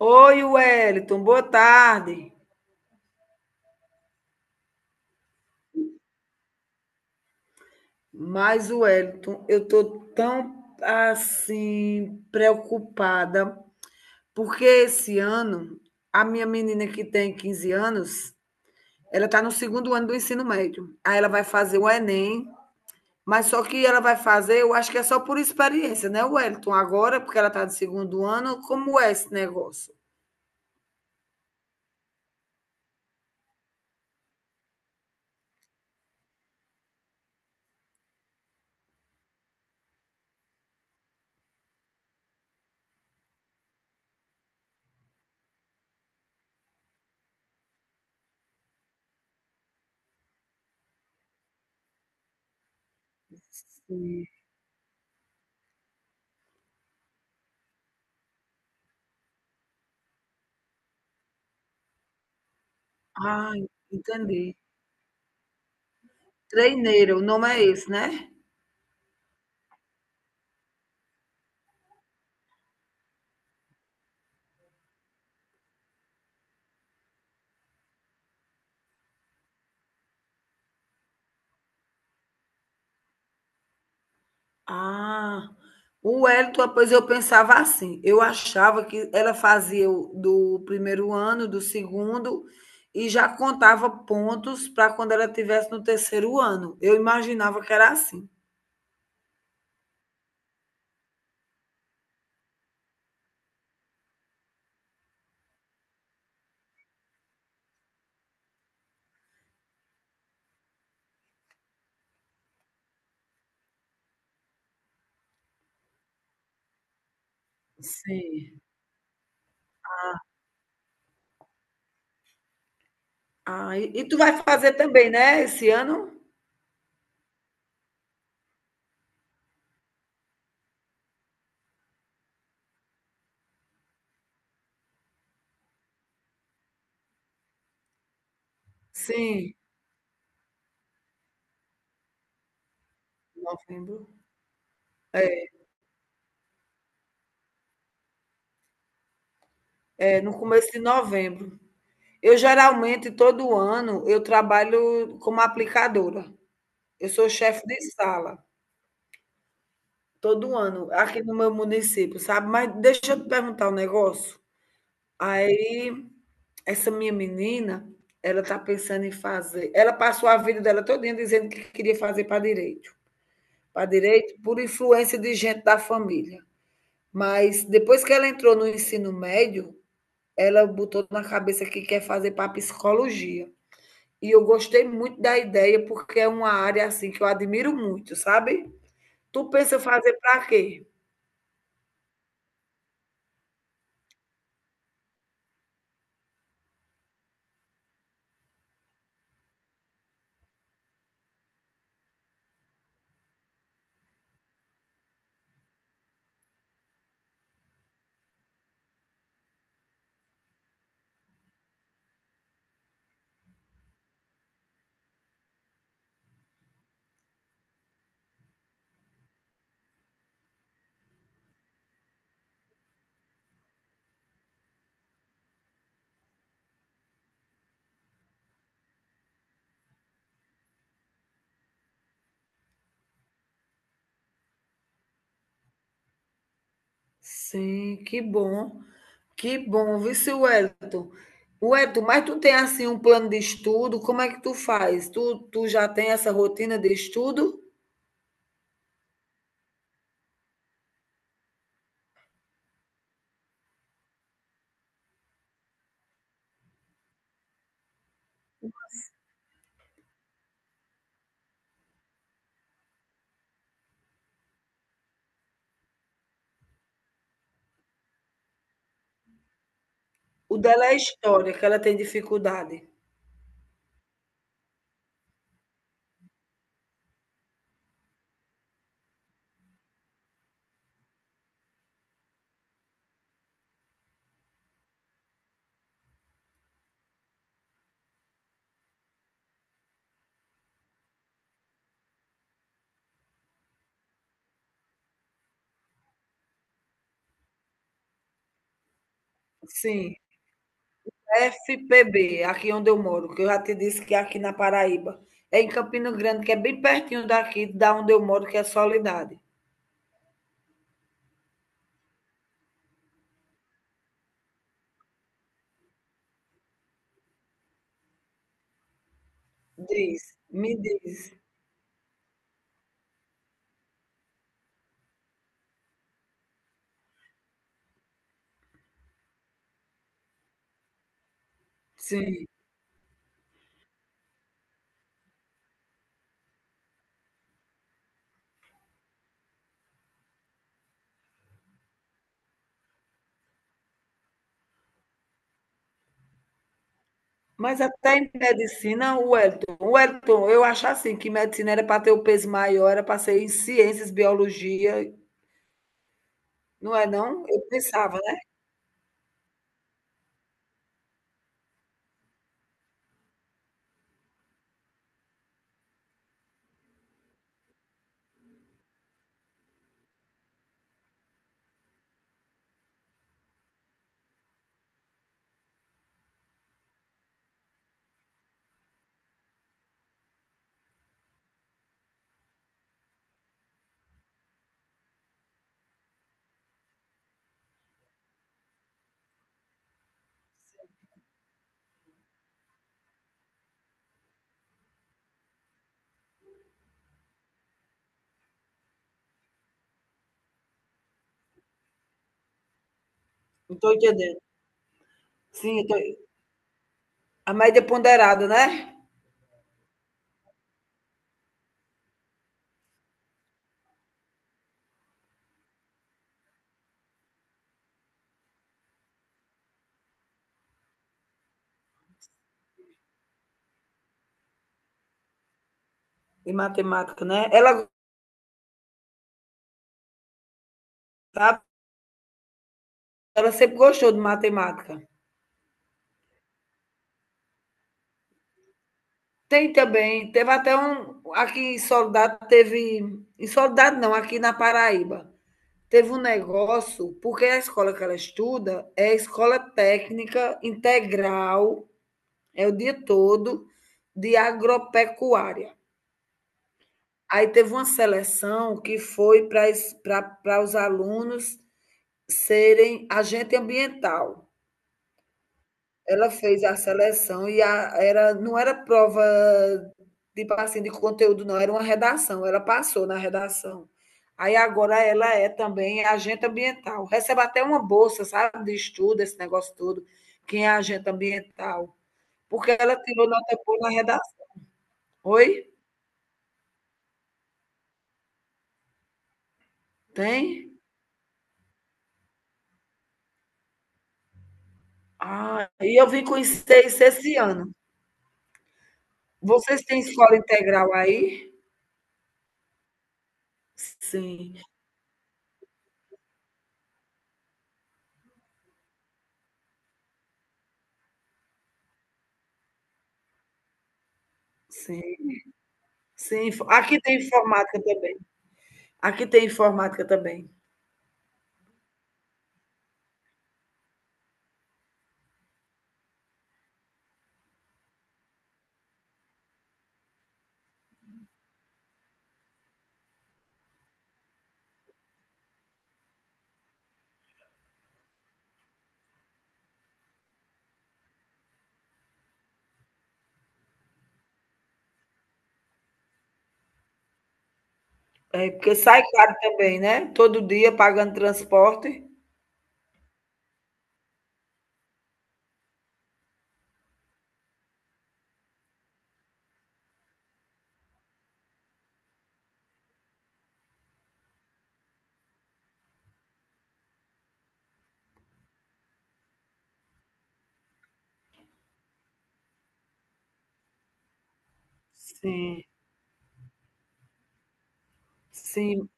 Oi, Wellington, boa tarde. Mas, Wellington, eu estou tão preocupada, porque esse ano a minha menina que tem 15 anos, ela está no segundo ano do ensino médio. Aí ela vai fazer o Enem, mas só que ela vai fazer, eu acho que é só por experiência, né, Wellington? Agora, porque ela está no segundo ano, como é esse negócio? Sim. Ah, entendi. Treineiro, o nome é esse, né? Ah, o Wellington, pois eu pensava assim, eu achava que ela fazia o do primeiro ano, do segundo, e já contava pontos para quando ela estivesse no terceiro ano. Eu imaginava que era assim. Sim. Ah, e tu vai fazer também, né, esse ano? Sim. Novembro. É, no começo de novembro. Eu geralmente, todo ano, eu trabalho como aplicadora. Eu sou chefe de sala. Todo um ano, aqui no meu município, sabe? Mas deixa eu te perguntar um negócio. Aí, essa minha menina, ela tá pensando em fazer. Ela passou a vida dela todinha dizendo que queria fazer para direito. Para direito, por influência de gente da família. Mas depois que ela entrou no ensino médio, ela botou na cabeça que quer fazer para psicologia. E eu gostei muito da ideia, porque é uma área assim que eu admiro muito, sabe? Tu pensa fazer para quê? Sim, que bom. Que bom, vice Wellington. Wellington, mas tu tem assim um plano de estudo, como é que tu faz? Tu já tem essa rotina de estudo? O dela é história, que ela tem dificuldade. Sim, FPB, aqui onde eu moro, que eu já te disse que é aqui na Paraíba. É em Campina Grande, que é bem pertinho daqui, da onde eu moro, que é Soledade. Diz, me diz. Sim. Mas até em medicina, o Wellington, eu acho assim, que medicina era para ter o peso maior, era para ser em ciências, biologia, não é não? Eu pensava, né? Não estou entendendo. Sim, eu tô... a média ponderada, né? Em matemática, né? Ela, sabe, ela sempre gostou de matemática. Tem também, teve até um, aqui em Soledade, teve, em Soledade não, aqui na Paraíba, teve um negócio, porque a escola que ela estuda é a escola técnica integral. É o dia todo de agropecuária. Aí teve uma seleção que foi para os alunos serem agente ambiental. Ela fez a seleção era, não era prova tipo assim, de conteúdo, não, era uma redação. Ela passou na redação. Aí agora ela é também agente ambiental. Recebe até uma bolsa, sabe, de estudo, esse negócio todo. Quem é agente ambiental? Porque ela tirou nota boa na redação. Oi? Tem? Ah, e eu vim com os esse ano. Vocês têm escola integral aí? Sim, sim, sim. Fo aqui tem informática também. Aqui tem informática também. É, porque sai caro também, né, todo dia pagando transporte. Sim, sim.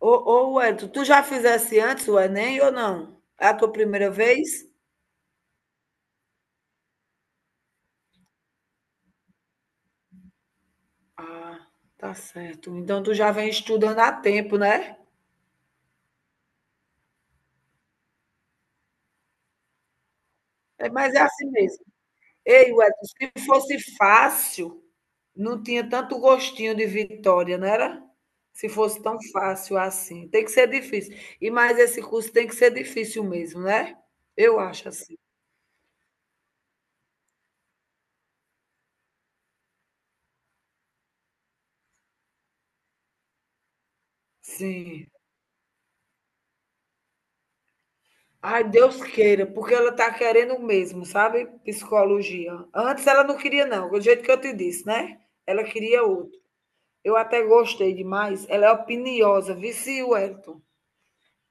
Ô Wellington, tu já fizesse antes o Enem ou não? É a tua primeira vez? Ah, tá certo. Então tu já vem estudando há tempo, né. É, mas é assim mesmo. Ei, Wellington, se fosse fácil, não tinha tanto gostinho de vitória, não era? Se fosse tão fácil assim. Tem que ser difícil. E mais esse curso tem que ser difícil mesmo, né? Eu acho assim. Sim. Ai, Deus queira, porque ela está querendo mesmo, sabe? Psicologia. Antes ela não queria, não, do jeito que eu te disse, né? Ela queria outro. Eu até gostei demais. Ela é opiniosa, viu, Wellington.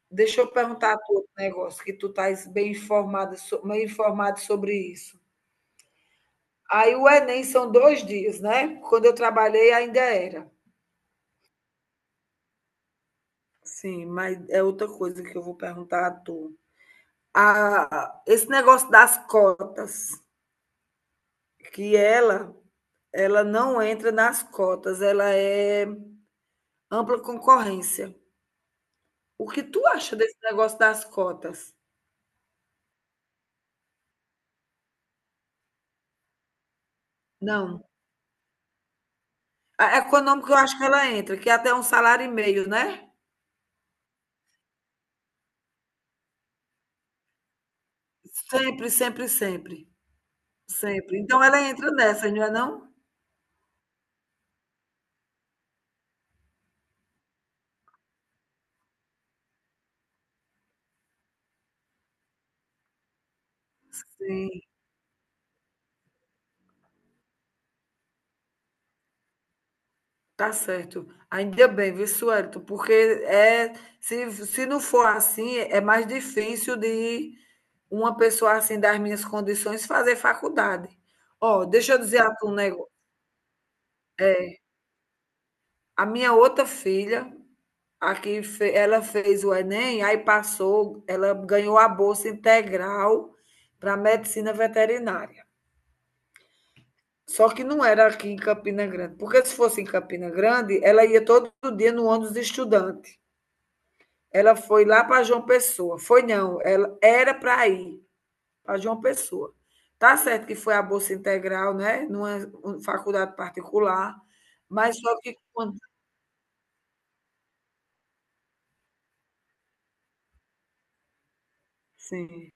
Deixa eu perguntar a tu outro negócio, que tu estás bem informada, bem informado sobre isso. Aí o Enem são dois dias, né? Quando eu trabalhei ainda era. Sim, mas é outra coisa que eu vou perguntar a tu. Ah, esse negócio das cotas, que ela não entra nas cotas, ela é ampla concorrência. O que tu acha desse negócio das cotas? Não. A econômica eu acho que ela entra, que é até um salário e meio, né? Sempre, sempre, sempre, sempre. Então ela entra nessa não é não? Sim, tá certo. Ainda bem, viu, Suelto? Porque é, se não for assim, é mais difícil de uma pessoa assim das minhas condições fazer faculdade. Ó, deixa eu dizer a tu um negócio. A minha outra filha, aqui, ela fez o Enem, aí passou, ela ganhou a bolsa integral para medicina veterinária. Só que não era aqui em Campina Grande, porque se fosse em Campina Grande, ela ia todo dia no ônibus de estudante. Ela foi lá para João Pessoa. Foi não, ela era para ir para João Pessoa. Tá certo que foi a bolsa integral, né, numa um, faculdade particular, mas só que quando sim,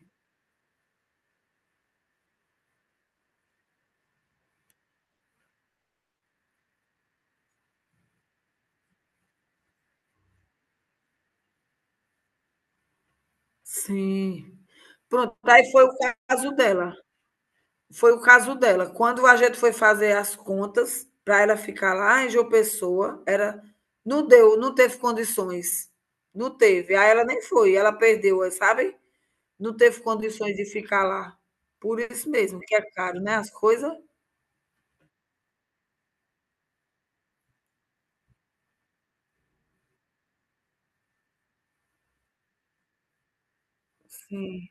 sim. Pronto, aí foi o caso dela. Foi o caso dela. Quando a gente foi fazer as contas para ela ficar lá em João Pessoa, era não deu, não teve condições. Não teve. Aí ela nem foi, ela perdeu, sabe? Não teve condições de ficar lá. Por isso mesmo, que é caro, né? As coisas. Sim.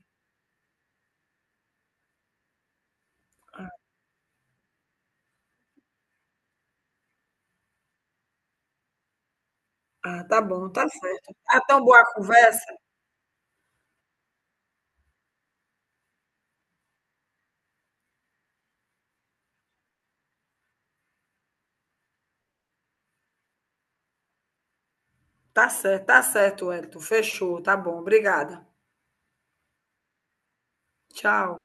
Ah, tá bom, tá certo. Tá tão boa a conversa? Tá certo, Wellington. Fechou, tá bom. Obrigada. Tchau.